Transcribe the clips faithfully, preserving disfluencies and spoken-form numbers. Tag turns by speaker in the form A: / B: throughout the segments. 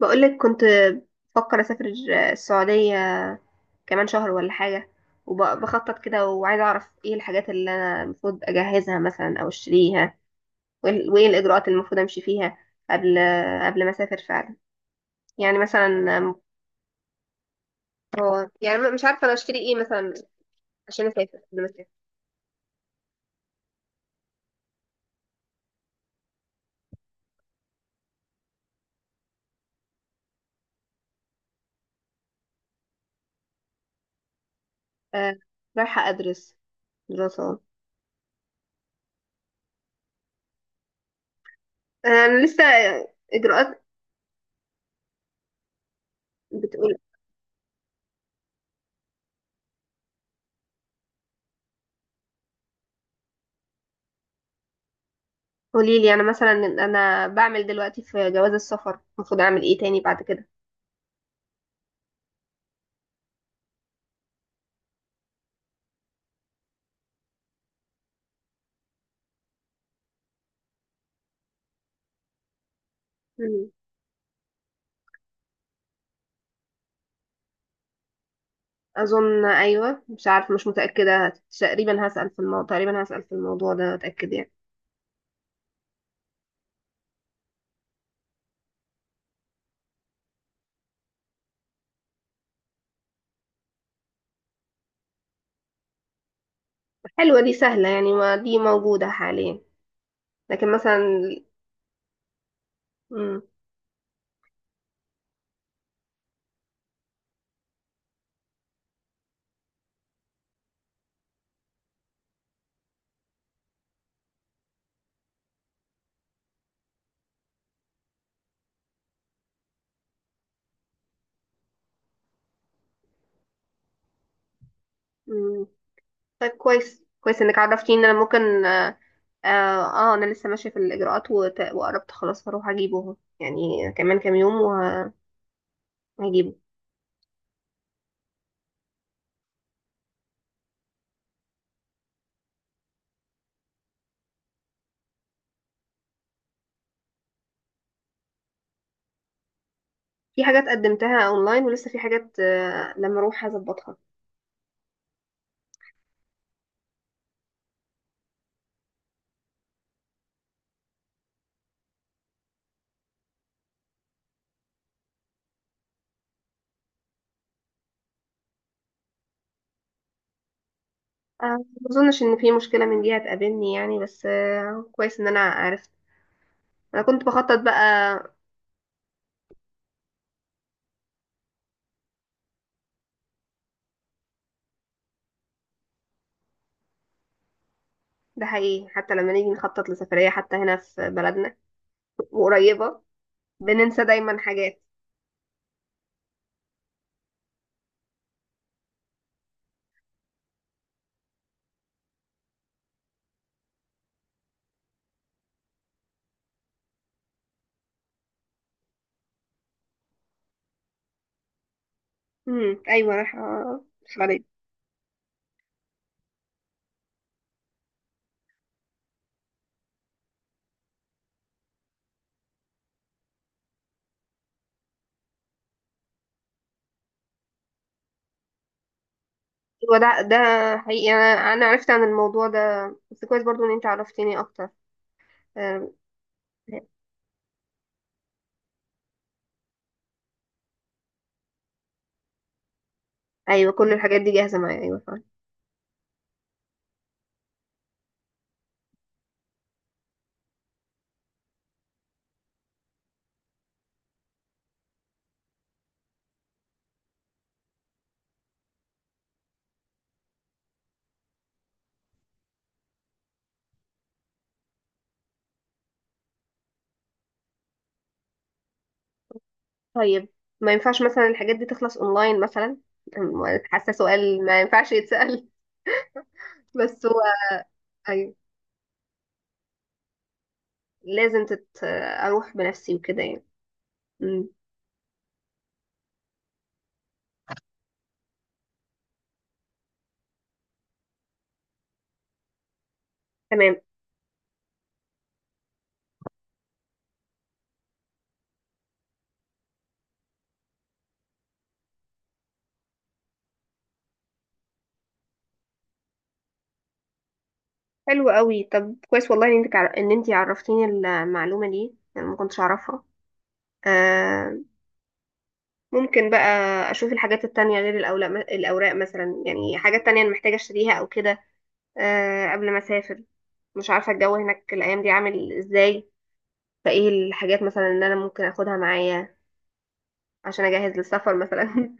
A: بقولك كنت بفكر أسافر السعودية كمان شهر ولا حاجة، وبخطط كده وعايزة أعرف إيه الحاجات اللي أنا المفروض أجهزها مثلا أو أشتريها، وإيه وإيه الإجراءات اللي المفروض أمشي فيها قبل قبل ما أسافر فعلا. يعني مثلا هو يعني مش عارفة أنا أشتري إيه مثلا عشان أسافر قبل ما أسافر. آه، رايحة أدرس دراسة. أنا لسه إجراءات بتقول. قوليلي، أنا مثلا أنا بعمل دلوقتي في جواز السفر، المفروض أعمل إيه تاني بعد كده؟ اظن ايوه، مش عارفه، مش متاكده، هت- تقريبا هسال في الموضوع، تقريبا هسال في الموضوع ده اتاكد يعني. حلوه دي، سهله يعني، ما دي موجوده حاليا. لكن مثلا مم. مم. طيب، كويس كويس انك عرفتيني ان انا ممكن اه, آه. آه، انا لسه ماشيه في الاجراءات وت... وقربت خلاص، هروح اجيبه اهو يعني كمان كام يوم وهجيبه. في حاجات قدمتها اونلاين، ولسه في حاجات آه لما اروح هظبطها. آه، ما اظنش ان في مشكله من دي هتقابلني يعني، بس آه كويس ان انا عرفت. انا كنت بخطط بقى. ده حقيقي، حتى لما نيجي نخطط لسفرية حتى هنا في بلدنا وقريبة، بننسى دايما حاجات. امم ايوه، راح أقولك عليه. ايوه ده ده حقيقي، انا انا عرفت عن الموضوع ده، بس كويس برضو ان انت عرفتيني اكتر. أم، ايوه، كل الحاجات دي جاهزة معايا، ايوه فعلا. طيب ما ينفعش مثلا الحاجات دي تخلص اونلاين مثلا؟ أم، حاسة سؤال ما ينفعش يتسأل. بس هو ايوه، لازم تت... اروح بنفسي وكده يعني. امم. تمام، حلو قوي. طب كويس والله ان انت ان انت عرفتيني المعلومه دي، انا ما كنتش اعرفها. آه، ممكن بقى اشوف الحاجات التانية غير الاوراق الاوراق مثلا، يعني حاجات تانية انا محتاجه اشتريها او كده آه قبل ما اسافر. مش عارفه الجو هناك الايام دي عامل ازاي، فايه الحاجات مثلا ان انا ممكن اخدها معايا عشان اجهز للسفر مثلا.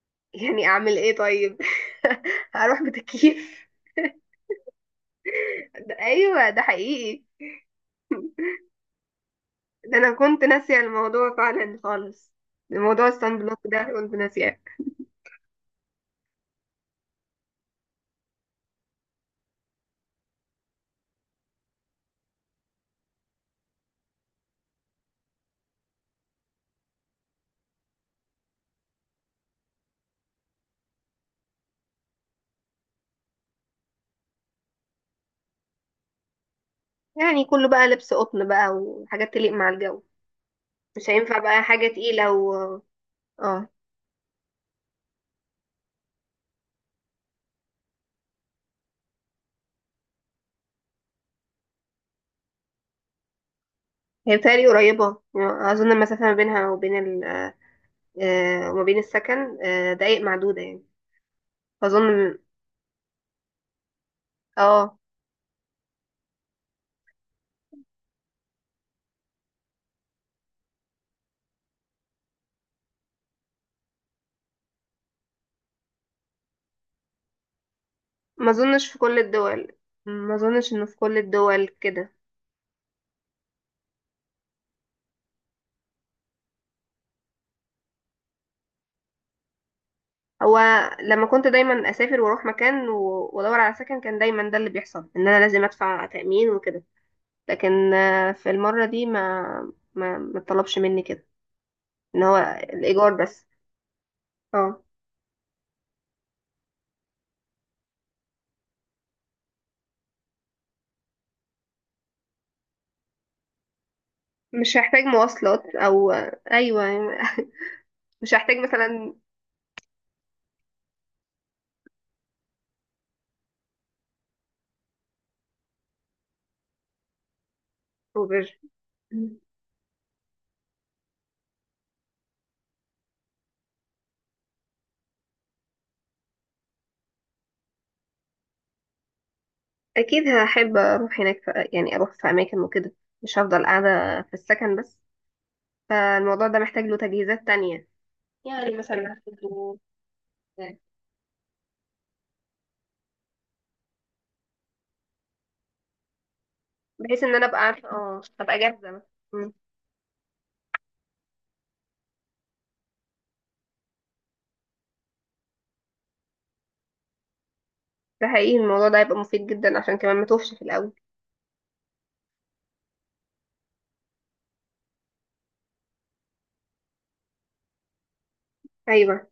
A: يعني اعمل ايه طيب؟ هروح بتكييف. ده- ايوه ده حقيقي، ده انا كنت ناسيه الموضوع فعلا خالص، الموضوع الصن بلوك ده كنت ناسياه. يعني كله بقى لبس قطن بقى وحاجات تليق مع الجو، مش هينفع بقى حاجه تقيله و اه. هي بتهيألي قريبه، اظن المسافه ما بينها وبين ال آه، وما بين السكن آه، دقايق معدوده يعني. اظن. اه. ما اظنش في كل الدول، ما اظنش انه في كل الدول كده. هو لما كنت دايما اسافر واروح مكان و- وادور على سكن، كان دايما ده اللي بيحصل ان انا لازم ادفع تأمين وكده. لكن آه، في المرة دي ما ما ما طلبش مني كده ان هو الايجار بس. اه، مش هحتاج مواصلات او. ايوه، مش هحتاج مثلا اوبر. اكيد هحب اروح هناك في... يعني اروح في اماكن وكده، مش هفضل قاعدة في السكن بس، فالموضوع ده محتاج له تجهيزات تانية. يعني مثلا هحتاجه- بحيث ان انا ابقى عارفة، اه ابقى جاهزة مثلا. مم. ده حقيقي، الموضوع ده هيبقى مفيد جدا عشان كمان ما توفش في الاول. ايوه،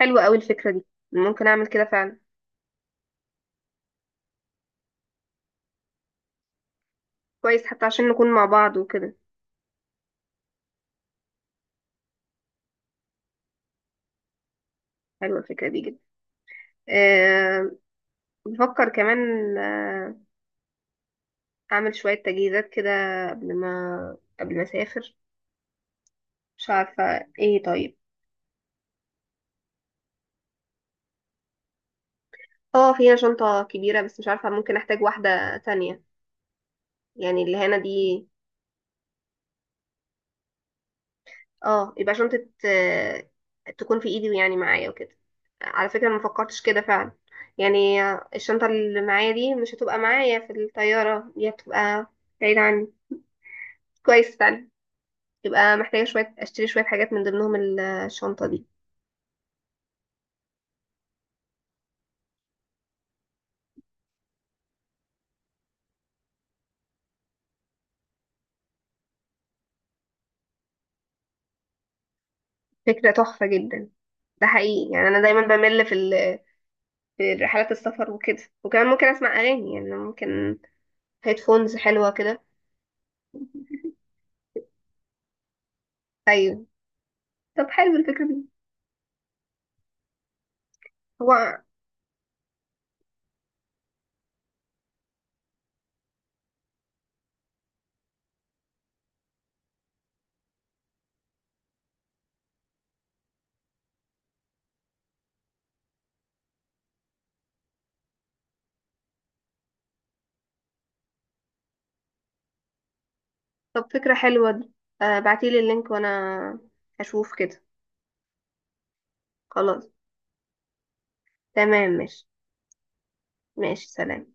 A: حلوة قوي الفكرة دي، ممكن اعمل كده فعلا، كويس حتى عشان نكون مع بعض وكده. حلوة الفكرة دي جدا. أه. بفكر كمان آه، أعمل شوية تجهيزات كده قبل ما قبل ما أسافر. مش عارفة ايه طيب. اه، في هنا شنطة كبيرة بس مش عارفة ممكن أحتاج واحدة تانية، يعني اللي هنا دي. اه، يبقى شنطة آه، تكون في إيدي ويعني معايا وكده. على فكرة ما فكرتش كده فعلا، يعني آه، الشنطة اللي معايا دي مش هتبقى معايا في الطيارة، دي هتبقى بعيدة عني. كويس فعلا، يبقى محتاجة شوية، أشتري شوية حاجات من ضمنهم ال- الشنطة دي. فكرة تحفة جدا، ده حقيقي، يعني أنا دايما بمل في ال... في رحلات السفر وكده، وكمان ممكن أسمع أغاني، يعني ممكن هيدفونز حلوة كده. أيوة. طب حلو الفكرة دي. هو طب فكرة حلوة دي. آه، بعتيلي اللينك وأنا هشوف كده. خلاص، تمام، ماشي. ماشي، سلام.